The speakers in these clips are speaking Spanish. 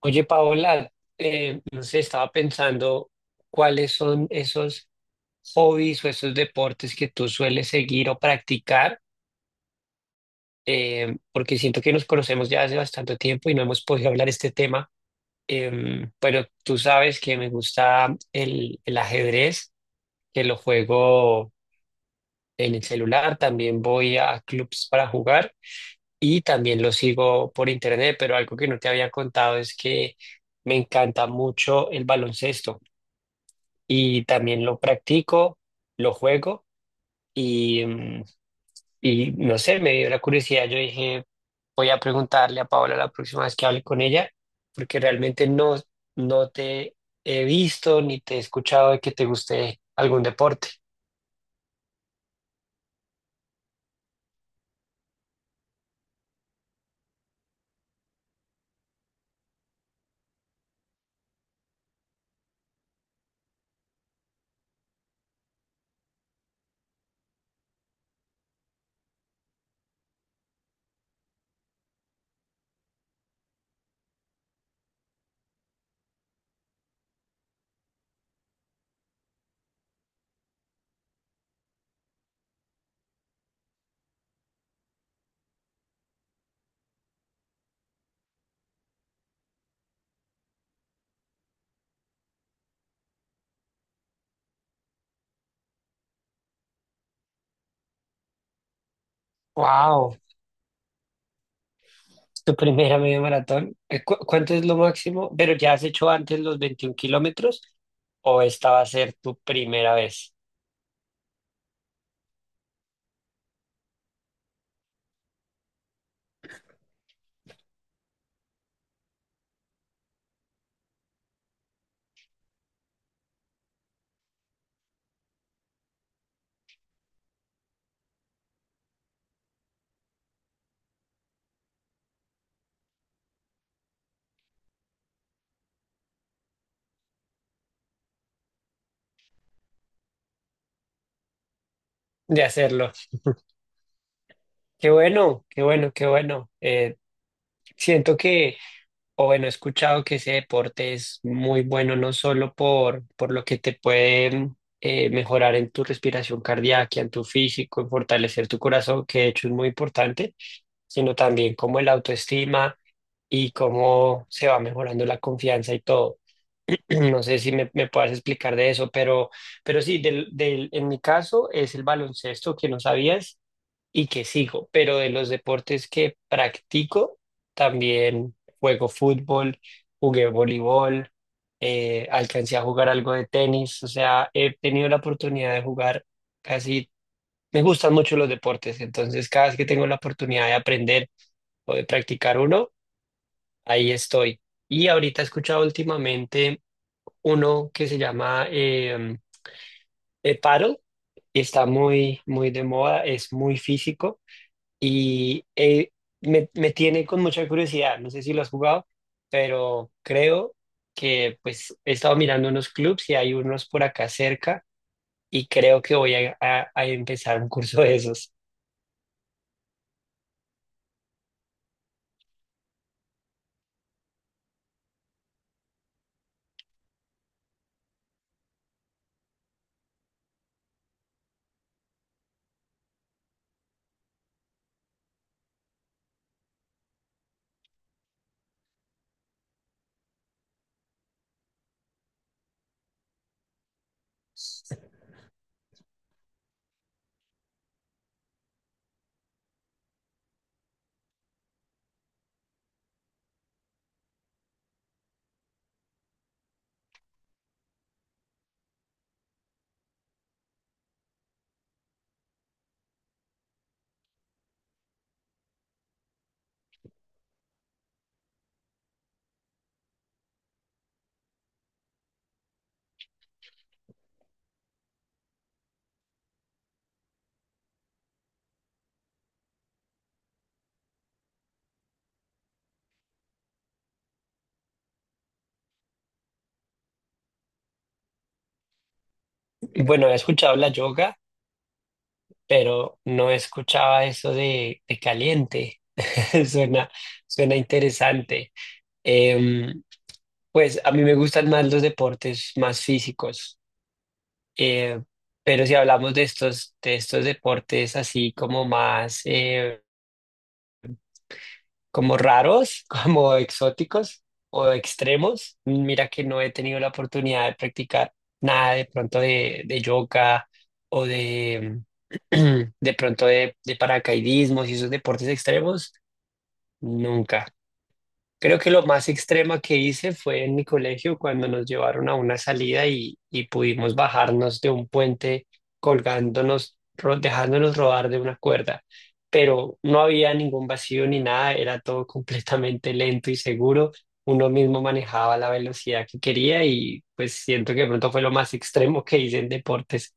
Oye, Paola, no sé, estaba pensando cuáles son esos hobbies o esos deportes que tú sueles seguir o practicar. Porque siento que nos conocemos ya hace bastante tiempo y no hemos podido hablar este tema. Pero tú sabes que me gusta el ajedrez, que lo juego en el celular, también voy a clubs para jugar y también lo sigo por internet, pero algo que no te había contado es que me encanta mucho el baloncesto. Y también lo practico, lo juego y, mm, y no sé, me dio la curiosidad. Yo dije, voy a preguntarle a Paola la próxima vez que hable con ella, porque realmente no te he visto ni te he escuchado de que te guste algún deporte. Wow, tu primera media maratón. ¿Cuánto es lo máximo? ¿Pero ya has hecho antes los 21 kilómetros o esta va a ser tu primera vez de hacerlo? Qué bueno, qué bueno, qué bueno. Siento que... O bueno, he escuchado que ese deporte es muy bueno no solo por lo que te puede mejorar en tu respiración cardíaca, en tu físico, en fortalecer tu corazón, que de hecho es muy importante, sino también como el autoestima y cómo se va mejorando la confianza y todo. No sé si me puedas explicar de eso, pero sí, en mi caso es el baloncesto, que no sabías y que sigo, pero de los deportes que practico, también juego fútbol, jugué voleibol, alcancé a jugar algo de tenis, o sea, he tenido la oportunidad de jugar casi, me gustan mucho los deportes, entonces cada vez que tengo la oportunidad de aprender o de practicar uno, ahí estoy. Y ahorita he escuchado últimamente uno que se llama paddle, y está muy de moda, es muy físico. Y eh, Me tiene con mucha curiosidad, no sé si lo has jugado, pero creo que pues he estado mirando unos clubs y hay unos por acá cerca y creo que voy a empezar un curso de esos. Bueno, he escuchado la yoga, pero no escuchaba eso de caliente. Suena, suena interesante. Em, pues a mí me gustan más los deportes más físicos. Eh, pero si hablamos de estos deportes así como más, como raros, como exóticos o extremos, mira que no he tenido la oportunidad de practicar nada de pronto de yoga o de, de pronto de paracaidismo y esos deportes extremos, nunca. Creo que lo más extrema que hice fue en mi colegio cuando nos llevaron a una salida y pudimos bajarnos de un puente colgándonos, dejándonos rodar de una cuerda, pero no había ningún vacío ni nada, era todo completamente lento y seguro, uno mismo manejaba la velocidad que quería y pues siento que de pronto fue lo más extremo que hice en deportes.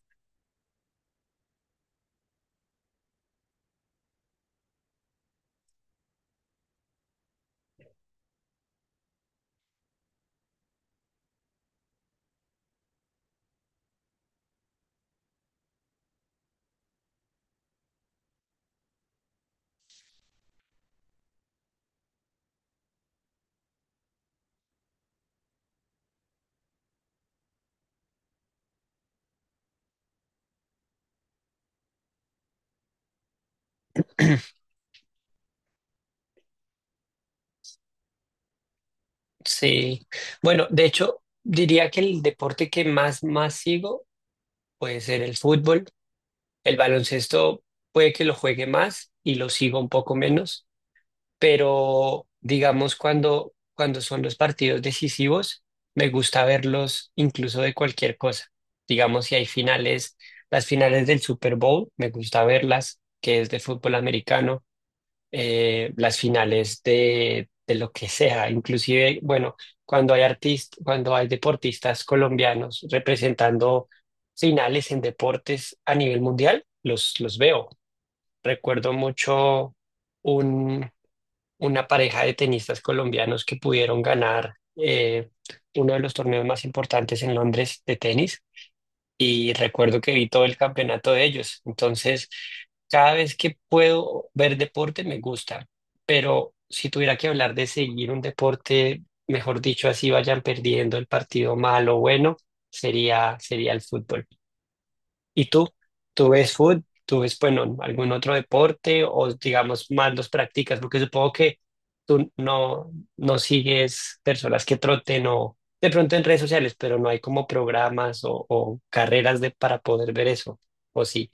Sí, bueno, de hecho diría que el deporte que más sigo puede ser el fútbol. El baloncesto puede que lo juegue más y lo sigo un poco menos, pero digamos cuando son los partidos decisivos, me gusta verlos incluso de cualquier cosa. Digamos, si hay finales, las finales del Super Bowl, me gusta verlas, que es de fútbol americano. Las finales de lo que sea, inclusive, bueno, cuando hay artistas, cuando hay deportistas colombianos representando finales en deportes a nivel mundial, los veo. Recuerdo mucho un, una pareja de tenistas colombianos que pudieron ganar uno de los torneos más importantes en Londres de tenis y recuerdo que vi todo el campeonato de ellos. Entonces, cada vez que puedo ver deporte me gusta, pero si tuviera que hablar de seguir un deporte, mejor dicho, así vayan perdiendo el partido malo o bueno, sería, sería el fútbol. ¿Y tú? ¿Tú ves fútbol? ¿Tú ves, bueno, algún otro deporte o digamos más los practicas? Porque supongo que tú no, no sigues personas que troten o de pronto en redes sociales, pero no hay como programas o carreras de, para poder ver eso. O sí,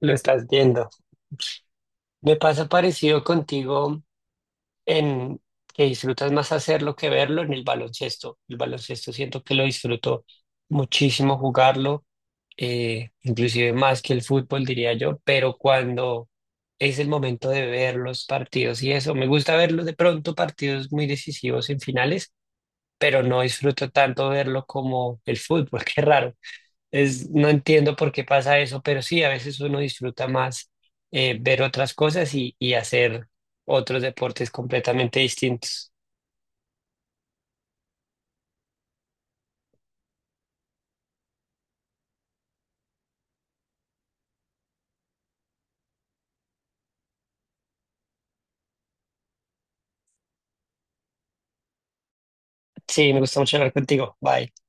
lo estás viendo. Me pasa parecido contigo en que disfrutas más hacerlo que verlo en el baloncesto. El baloncesto siento que lo disfruto muchísimo jugarlo, inclusive más que el fútbol, diría yo, pero cuando es el momento de ver los partidos y eso, me gusta verlos de pronto partidos muy decisivos en finales, pero no disfruto tanto verlo como el fútbol, qué raro. Es, no entiendo por qué pasa eso, pero sí, a veces uno disfruta más ver otras cosas y hacer otros deportes completamente distintos. Sí, me gusta mucho hablar contigo. Bye.